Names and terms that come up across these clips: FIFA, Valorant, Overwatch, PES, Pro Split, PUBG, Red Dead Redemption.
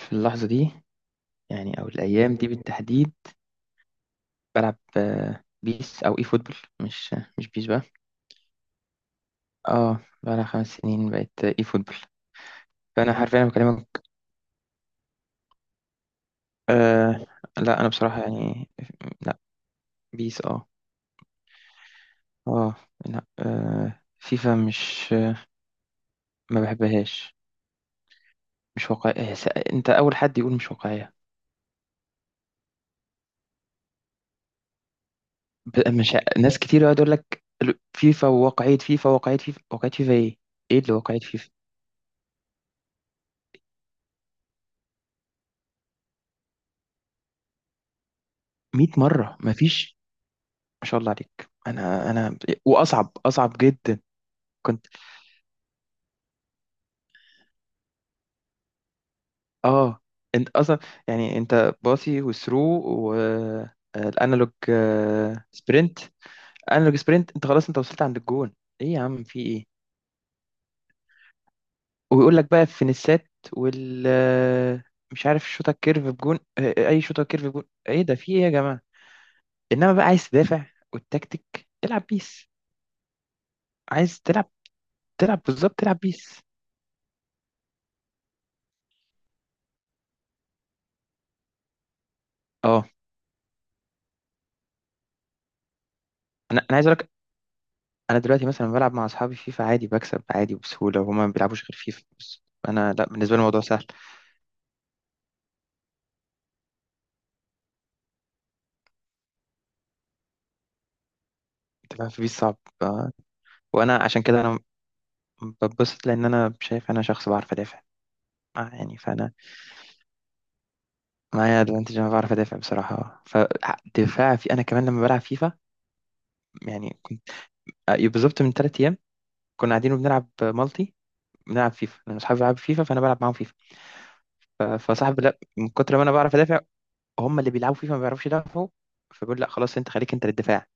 في اللحظة دي؟ يعني أو الأيام دي بالتحديد؟ بلعب بيس أو إي فوتبول. مش بيس بقى. اه، بقالها 5 سنين بقت إي فوتبول. فأنا حرفيا بكلمك. آه. لا، أنا بصراحة يعني. لا، بيس اه. اه. لا، آه، فيفا مش ما بحبهاش. مش واقعية. أنت أول حد يقول مش واقعية. ب- مش ع- ناس كتير يقعد يقول لك فيفا وواقعية، فيفا واقعية، فيفا واقعية، فيفا إيه؟ إيه اللي واقعية فيفا؟ 100 مرة مفيش. ما شاء الله عليك. انا واصعب، اصعب جدا. كنت اه. انت اصلا، يعني انت باصي وثرو والانالوج، سبرنت. انالوج، سبرنت، انت خلاص، انت وصلت عند الجون. ايه يا عم في ايه؟ ويقول لك بقى فينيسات وال مش عارف شوطه كيرف بجون، اي شوطه كيرف بجون. ايه ده في ايه يا جماعه؟ انما بقى عايز تدافع والتكتيك. العب بيس. عايز تلعب، تلعب بالظبط، تلعب بيس. اه، انا عايز اقول، انا دلوقتي مثلا بلعب مع اصحابي فيفا عادي، بكسب عادي وبسهوله، وهما ما بيلعبوش غير فيفا بس. انا لا، بالنسبه لي الموضوع سهل. انت فاهم، في بيس صعب وانا عشان كده انا بتبسط، لان انا شايف انا شخص بعرف ادافع. يعني فانا معايا ادفانتج، انا بعرف ادافع بصراحه، فدفاع في انا كمان لما بلعب فيفا يعني بالظبط، من 3 ايام كنا قاعدين وبنلعب مالتي، بنلعب فيفا لان اصحابي بيلعبوا فيفا فانا بلعب معاهم فيفا. فصاحبي، لا، من كتر ما انا بعرف ادافع، هم اللي بيلعبوا فيفا ما بيعرفوش يدافعوا. فبيقول لا خلاص، انت خليك انت للدفاع،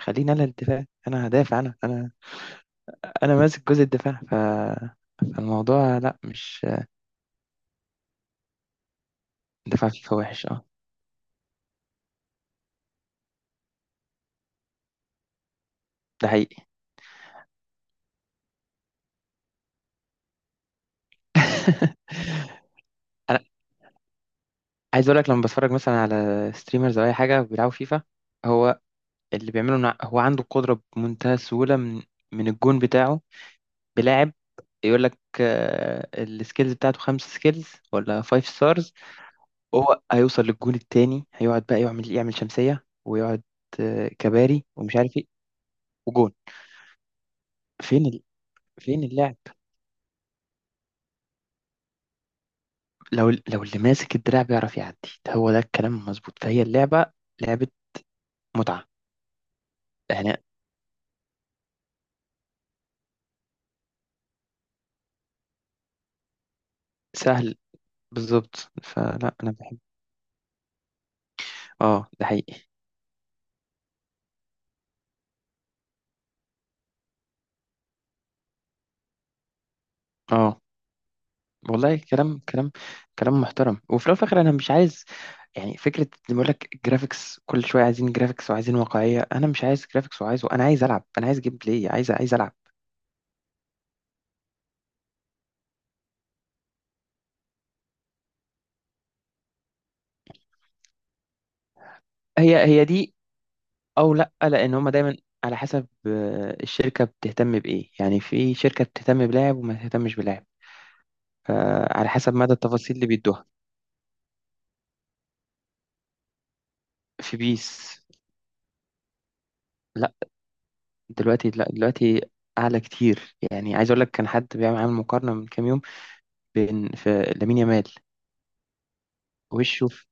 خليني انا الدفاع، انا هدافع انا. انا ماسك جزء الدفاع، ف... فالموضوع، لا، مش دفاع فيفا وحش، اه ده حقيقي. انا عايز اقول لك، لما بتفرج مثلا على ستريمرز او اي حاجه بيلعبوا فيفا، هو اللي بيعمله إن هو عنده قدره بمنتهى السهوله من الجون بتاعه. بلاعب، يقول لك السكيلز بتاعته 5 سكيلز ولا فايف ستارز، هو هيوصل للجون التاني، هيقعد بقى يعمل شمسيه ويقعد كباري ومش عارف ايه. وجون. فين فين اللعب؟ لو اللي ماسك الدراع بيعرف يعدي. هو ده الكلام المظبوط، فهي اللعبة لعبة متعة يعني. سهل، بالظبط. فلا، أنا بحب. اه ده حقيقي. اه، والله كلام، كلام محترم. وفي الأول وفي الآخر، أنا مش عايز، يعني فكرة اللي بيقول لك جرافيكس كل شوية، عايزين جرافيكس وعايزين واقعية، أنا مش عايز جرافيكس وعايز، أنا عايز ألعب، أنا عايز جيم بلاي، عايز ألعب. هي دي، أو لأ، لأن هما دايما على حسب الشركة بتهتم بإيه. يعني في شركة بتهتم بلاعب وما تهتمش بلاعب على حسب مدى التفاصيل اللي بيدوها. في بيس، لا دلوقتي، لا دلوقتي اعلى كتير. يعني عايز اقول لك كان حد بيعمل عامل مقارنه من كام يوم، بين في لامين يامال وشه في،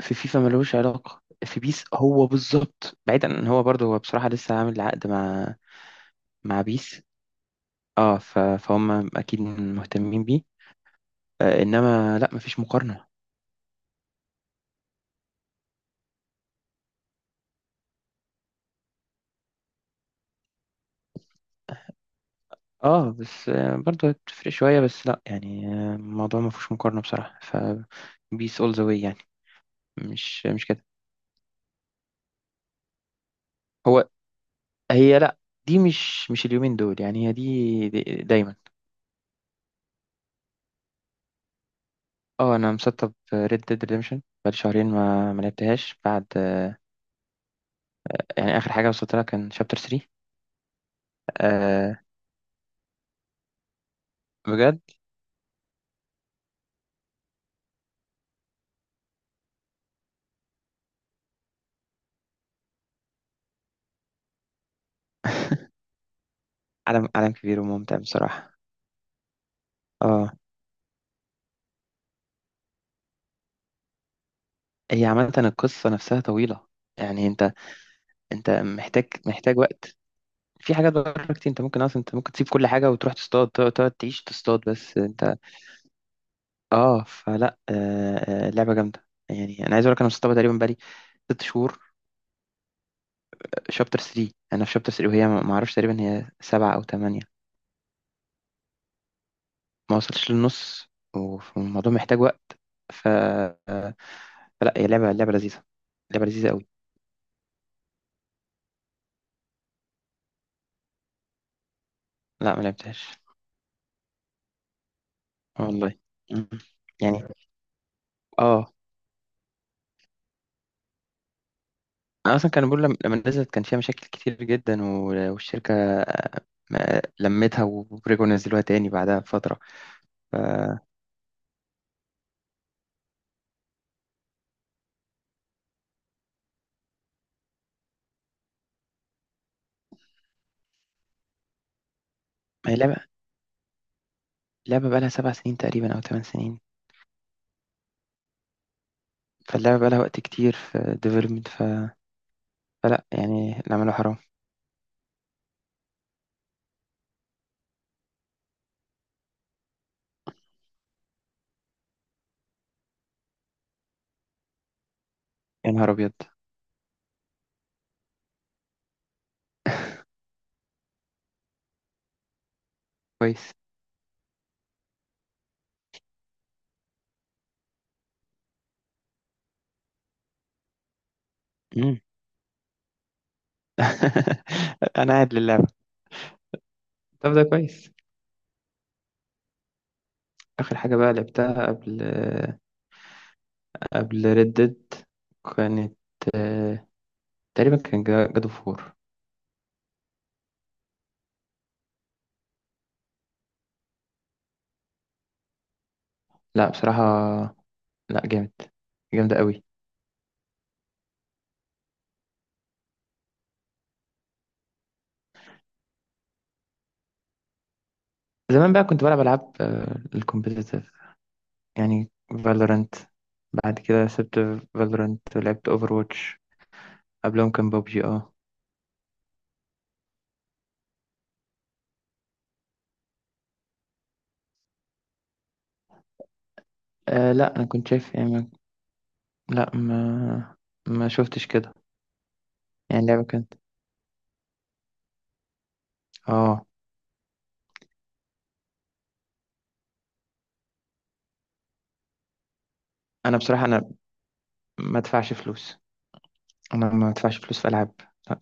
في فيفا ملوش علاقه، في بيس هو بالظبط. بعيدا ان هو برضه، هو بصراحه لسه عامل عقد مع بيس اه. فهم اكيد مهتمين بيه انما لا، مفيش مقارنه. اه بس برضه هتفرق شويه، بس لا يعني الموضوع مفيهوش مقارنه بصراحه. ف بيس اول ذا واي يعني. مش هو. هي لا، دي مش اليومين دول يعني، هي دي دايما. اه انا مسطب ريد ديد ريدمشن بقالي شهرين ما لعبتهاش بعد. يعني اخر حاجه وصلت لها كان شابتر 3. أه بجد. عالم، عالم كبير وممتع بصراحه. اه هي عامه القصه نفسها طويله، يعني انت، انت محتاج وقت. في حاجات بره كتير، انت ممكن اصلا، انت ممكن تسيب كل حاجه وتروح تصطاد، تقعد تعيش تصطاد بس انت. اه فلا لعبه جامده. يعني انا عايز اقول لك انا مسطبها تقريبا بقالي 6 شهور. شابتر 3، انا في شابتر 3، وهي ما اعرفش تقريبا هي 7 او 8. ما وصلتش للنص والموضوع محتاج وقت، ف... فلا هي لعبة لذيذة. لعبة لذيذة قوي. لا، ما لعبتهاش. والله. مم. يعني، اه، انا اصلا كان بقول، لما نزلت كان فيها مشاكل كتير جدا والشركة آه، لمتها ورجعوا نزلوها تاني بعدها بفترة. ما هي لعبة بقالها 7 سنين تقريبا أو 8 سنين. فاللعبة بقالها وقت كتير في ديفلوبمنت، ف... فلا يعني اللي عمله حرام. يا نهار أبيض. كويس. مم. انا قاعد للعبة. طب ده كويس. اخر حاجة بقى لعبتها قبل، قبل ريد ديد كانت آه، تقريبا كان جادو فور. لا بصراحة، لا جامد، جامدة قوي. زمان بقى كنت بلعب ألعاب الكومبيتيتيف يعني، فالورانت. بعد كده سبت فالورانت ولعبت اوفر واتش. قبلهم كان بابجي اه. لا، انا كنت شايف يعني لا، ما شفتش كده. يعني اللعبة كانت، اه، انا بصراحة، انا ما ادفعش فلوس، انا ما ادفعش فلوس في العاب. لا.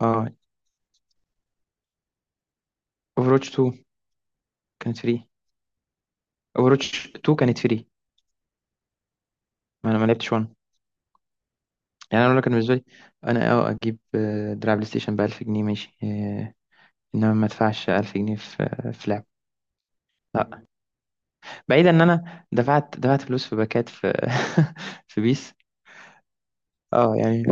اه، اوفروتش 2 كانت فري. اوفروتش 2 كانت فري. ما انا ما لعبتش 1. يعني انا لو كان بالنسبه لي، انا اه اجيب دراع بلاي ستيشن ب 1000 جنيه ماشي انما ما ادفعش 1000 جنيه في، في لعب، لا. بعيدا ان انا دفعت فلوس في باكات في في بيس. اه يعني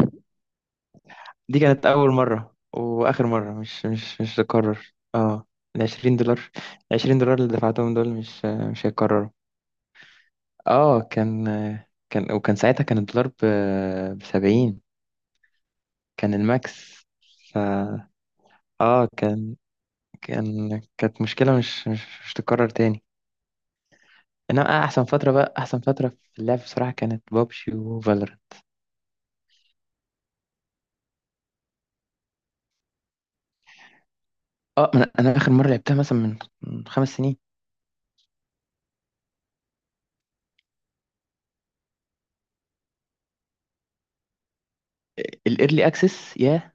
دي كانت اول مره واخر مره، مش هتتكرر اه. ال 20 دولار، 20 دولار اللي دفعتهم دول مش هيتكرروا. اه، كان، وكان ساعتها كان الدولار ب 70. كان الماكس. ف اه كان، كانت مشكلة مش تتكرر تاني. انما احسن فترة بقى، احسن فترة في اللعب بصراحة كانت بابجي وفالورانت. اه، انا اخر مرة لعبتها مثلا من 5 سنين. الايرلي اكسس ياه.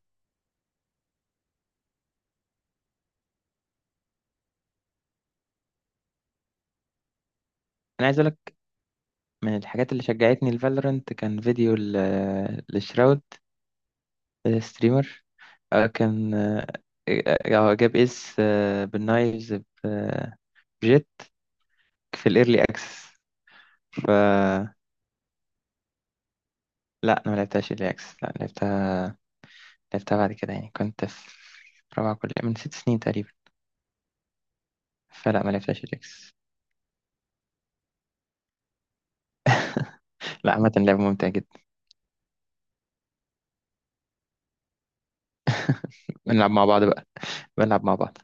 انا عايز اقول لك، من الحاجات اللي شجعتني لفالورانت كان فيديو لشراود ستريمر. كان آه، جاب اس بالنايفز، بجيت، في الايرلي اكسس. فلا، انا ما لعبتهاش ايرلي اكسس، لا لعبتها بعد كده، يعني كنت في رابعه كليه من 6 سنين تقريبا. فلا ما لعبتهاش ايرلي اكسس. لا عامه لعبه ممتعه جدا. بنلعب مع بعض بقى، بنلعب مع بعض.